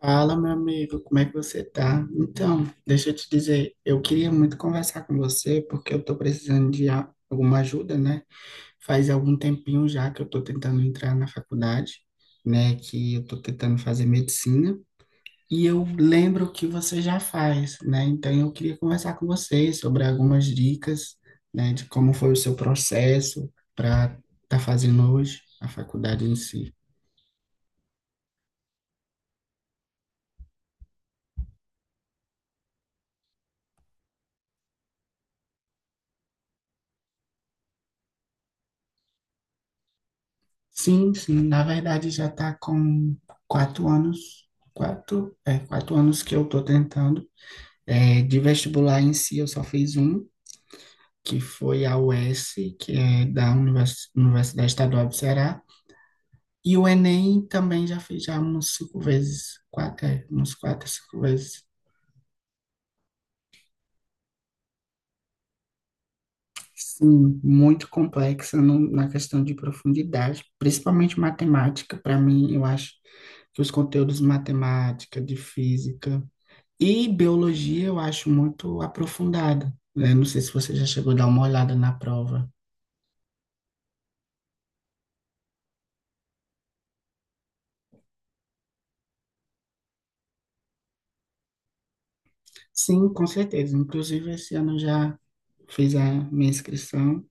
Fala, meu amigo, como é que você tá? Então, deixa eu te dizer, eu queria muito conversar com você porque eu tô precisando de alguma ajuda, né? Faz algum tempinho já que eu tô tentando entrar na faculdade, né? Que eu tô tentando fazer medicina e eu lembro que você já faz, né? Então, eu queria conversar com você sobre algumas dicas, né? De como foi o seu processo para estar tá fazendo hoje a faculdade em si. Sim, sim, na verdade já está com quatro anos, quatro anos que eu estou tentando. É, de vestibular em si, eu só fiz um, que foi a US, que é da Universidade Estadual do Ceará. E o Enem também já fiz já uns cinco vezes, uns quatro, cinco vezes. Sim, muito complexa na questão de profundidade, principalmente matemática. Para mim, eu acho que os conteúdos de matemática, de física, e biologia eu acho muito aprofundada, né? Não sei se você já chegou a dar uma olhada na prova. Sim, com certeza. Inclusive, esse ano eu já fiz a minha inscrição.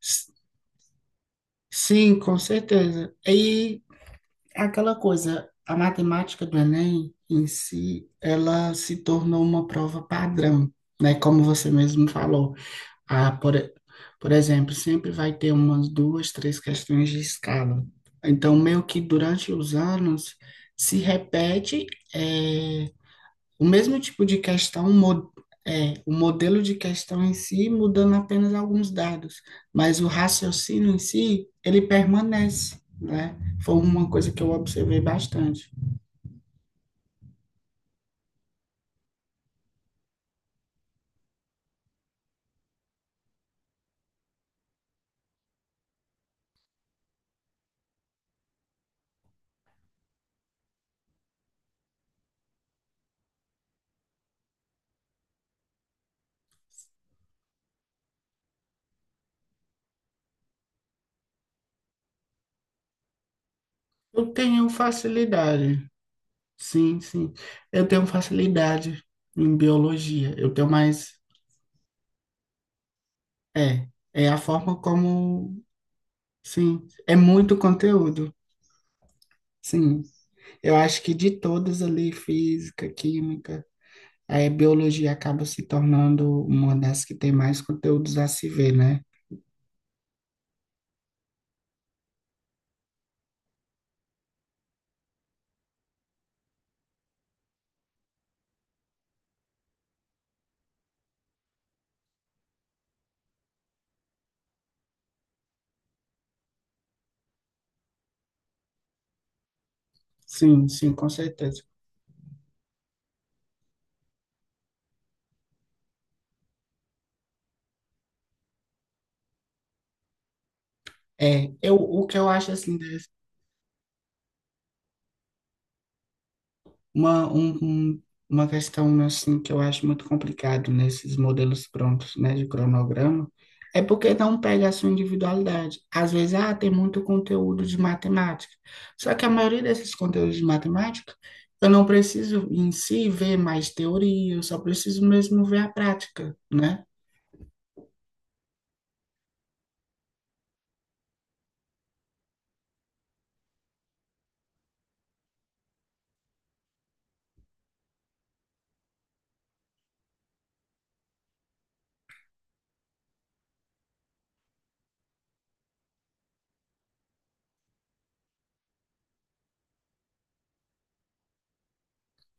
S- Sim, com certeza. E aquela coisa, a matemática do Enem em si, ela se tornou uma prova padrão, né? Como você mesmo falou. Ah, por, e- por exemplo, sempre vai ter umas duas, três questões de escala. Então, meio que durante os anos se repete eh, o mesmo tipo de questão, o modelo de questão em si, mudando apenas alguns dados, mas o raciocínio em si, ele permanece, né? Foi uma coisa que eu observei bastante. Eu tenho facilidade, sim, sim, eu tenho facilidade em biologia, eu tenho mais. É, é a forma como, sim, é muito conteúdo, sim. Eu acho que de todas ali, física, química, a biologia acaba se tornando uma das que tem mais conteúdos a se ver, né? Sim, sim, com certeza. É, eu, o que eu acho assim. Uma, um, um- uma questão assim que eu acho muito complicado nesses modelos prontos, né, de cronograma, é porque não pega a sua individualidade. Às vezes, ah, tem muito conteúdo de matemática. Só que a maioria desses conteúdos de matemática, eu não preciso em si ver mais teoria, eu só preciso mesmo ver a prática, né?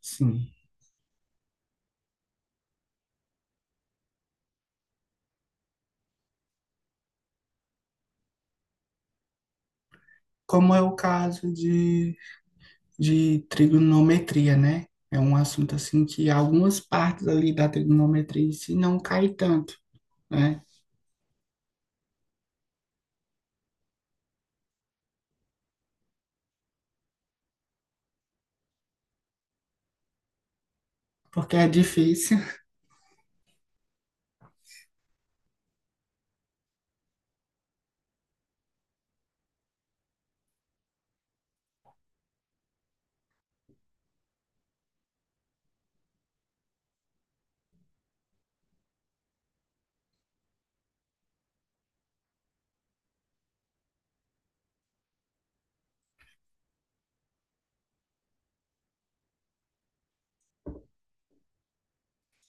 Sim. Como é o caso de trigonometria, né? É um assunto assim que algumas partes ali da trigonometria em si não cai tanto, né? Porque é difícil,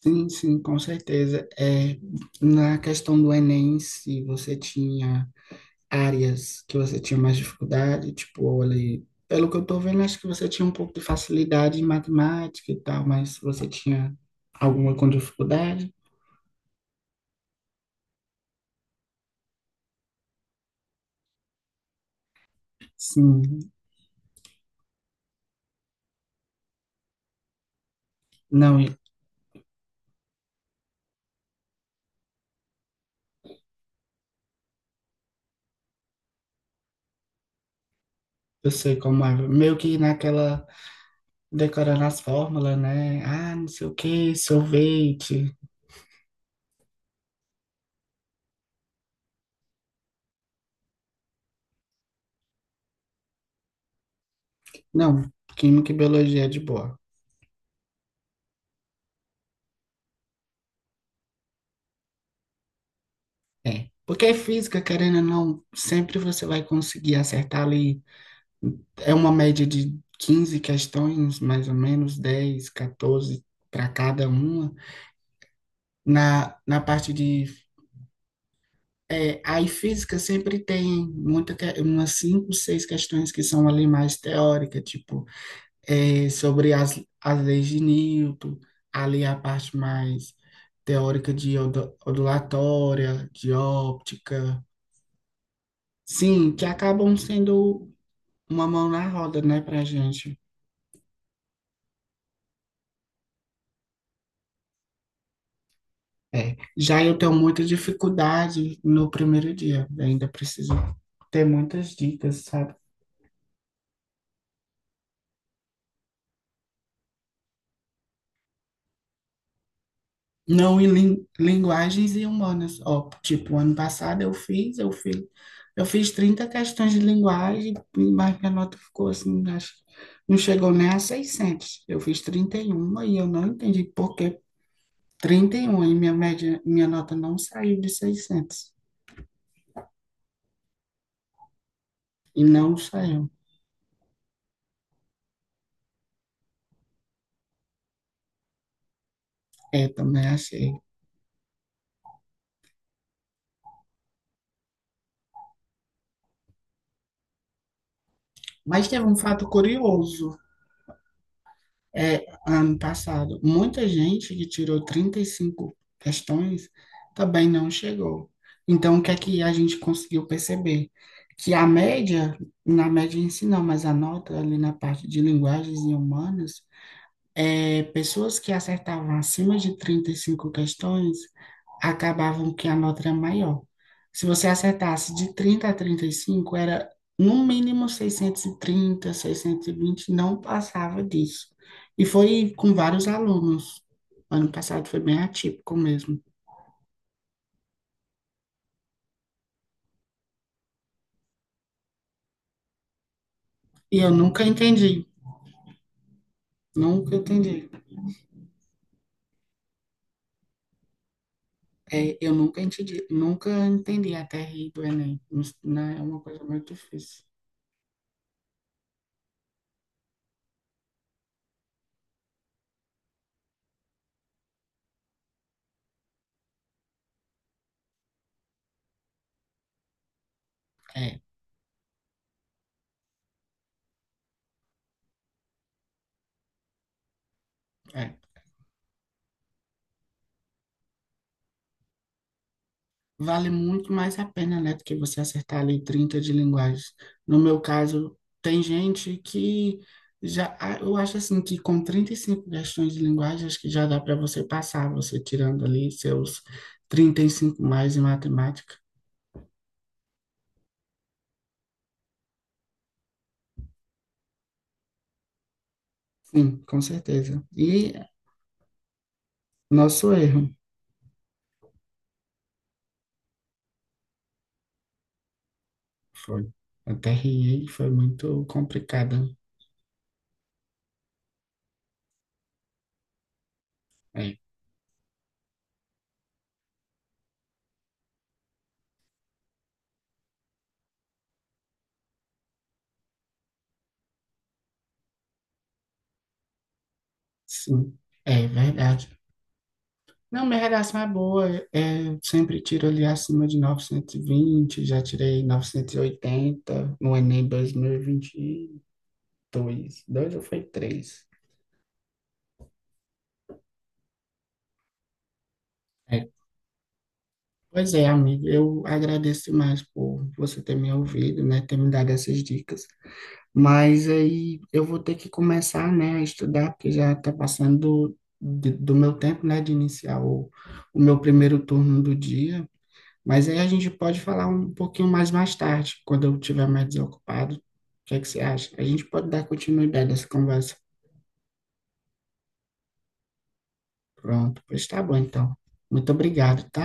sim, sim, com certeza. É, na questão do Enem, se você tinha áreas que você tinha mais dificuldade, tipo, olha, pelo que eu tô vendo, acho que você tinha um pouco de facilidade em matemática e tal, mas você tinha alguma com dificuldade? Sim, não, eu sei como é. Meio que naquela decorando as fórmulas, né? Ah, não sei o que, sorvete. Não, química e biologia é de boa. É. Porque é física, querendo ou não, sempre você vai conseguir acertar ali. É uma média de 15 questões, mais ou menos, 10, 14 para cada uma. Na parte de. É, aí física sempre tem umas cinco, seis questões que são ali mais teórica, tipo, sobre as leis de Newton, ali a parte mais teórica de ondulatória, de óptica. Sim, que acabam sendo uma mão na roda, né, pra gente. É. Já eu tenho muita dificuldade no primeiro dia, ainda preciso ter muitas dicas, sabe? Não em linguagens e humanas. Ó, tipo, ano passado eu fiz, eu fiz 30 questões de linguagem, mas minha nota ficou assim, acho, não chegou nem a seiscentos. Eu fiz trinta e um e eu não entendi por que 31 e minha média, minha nota não saiu de seiscentos. E não saiu. É, também achei. Mas teve um fato curioso. É, ano passado, muita gente que tirou 35 questões também não chegou. Então, o que é que a gente conseguiu perceber? Que a média, na média em si não, mas a nota ali na parte de linguagens e humanas, é, pessoas que acertavam acima de 35 questões acabavam que a nota era maior. Se você acertasse de 30 a 35 era no mínimo seiscentos, seiscentos e trinta, seiscentos e vinte, não passava disso. E foi com vários alunos. Ano passado foi bem atípico mesmo. E eu nunca entendi, nunca entendi. É, eu nunca entendi, nunca entendi a TRI do Enem. Não, é uma coisa muito difícil. É, é. Vale muito mais a pena, né, do que você acertar ali 30 de linguagens. No meu caso, tem gente que já, ah, eu acho assim que com 35 questões de linguagem, acho que já dá para você passar, você tirando ali seus trinta e cinco mais em matemática. Sim, com certeza. E nosso erro foi. Até riei, foi muito complicado. É, sim, é verdade. Não, minha redação é boa. É, eu sempre tiro ali acima de 920. Já tirei 980 no Enem 2022, dois ou foi três? É. Pois é, amigo, eu agradeço demais por você ter me ouvido, né, ter me dado essas dicas. Mas aí eu vou ter que começar, né, a estudar, porque já está passando do meu tempo, né, de iniciar o meu primeiro turno do dia. Mas aí a gente pode falar um pouquinho mais tarde, quando eu estiver mais desocupado. O que é que você acha? A gente pode dar continuidade a essa conversa. Pronto, pois tá bom então. Muito obrigado, tá?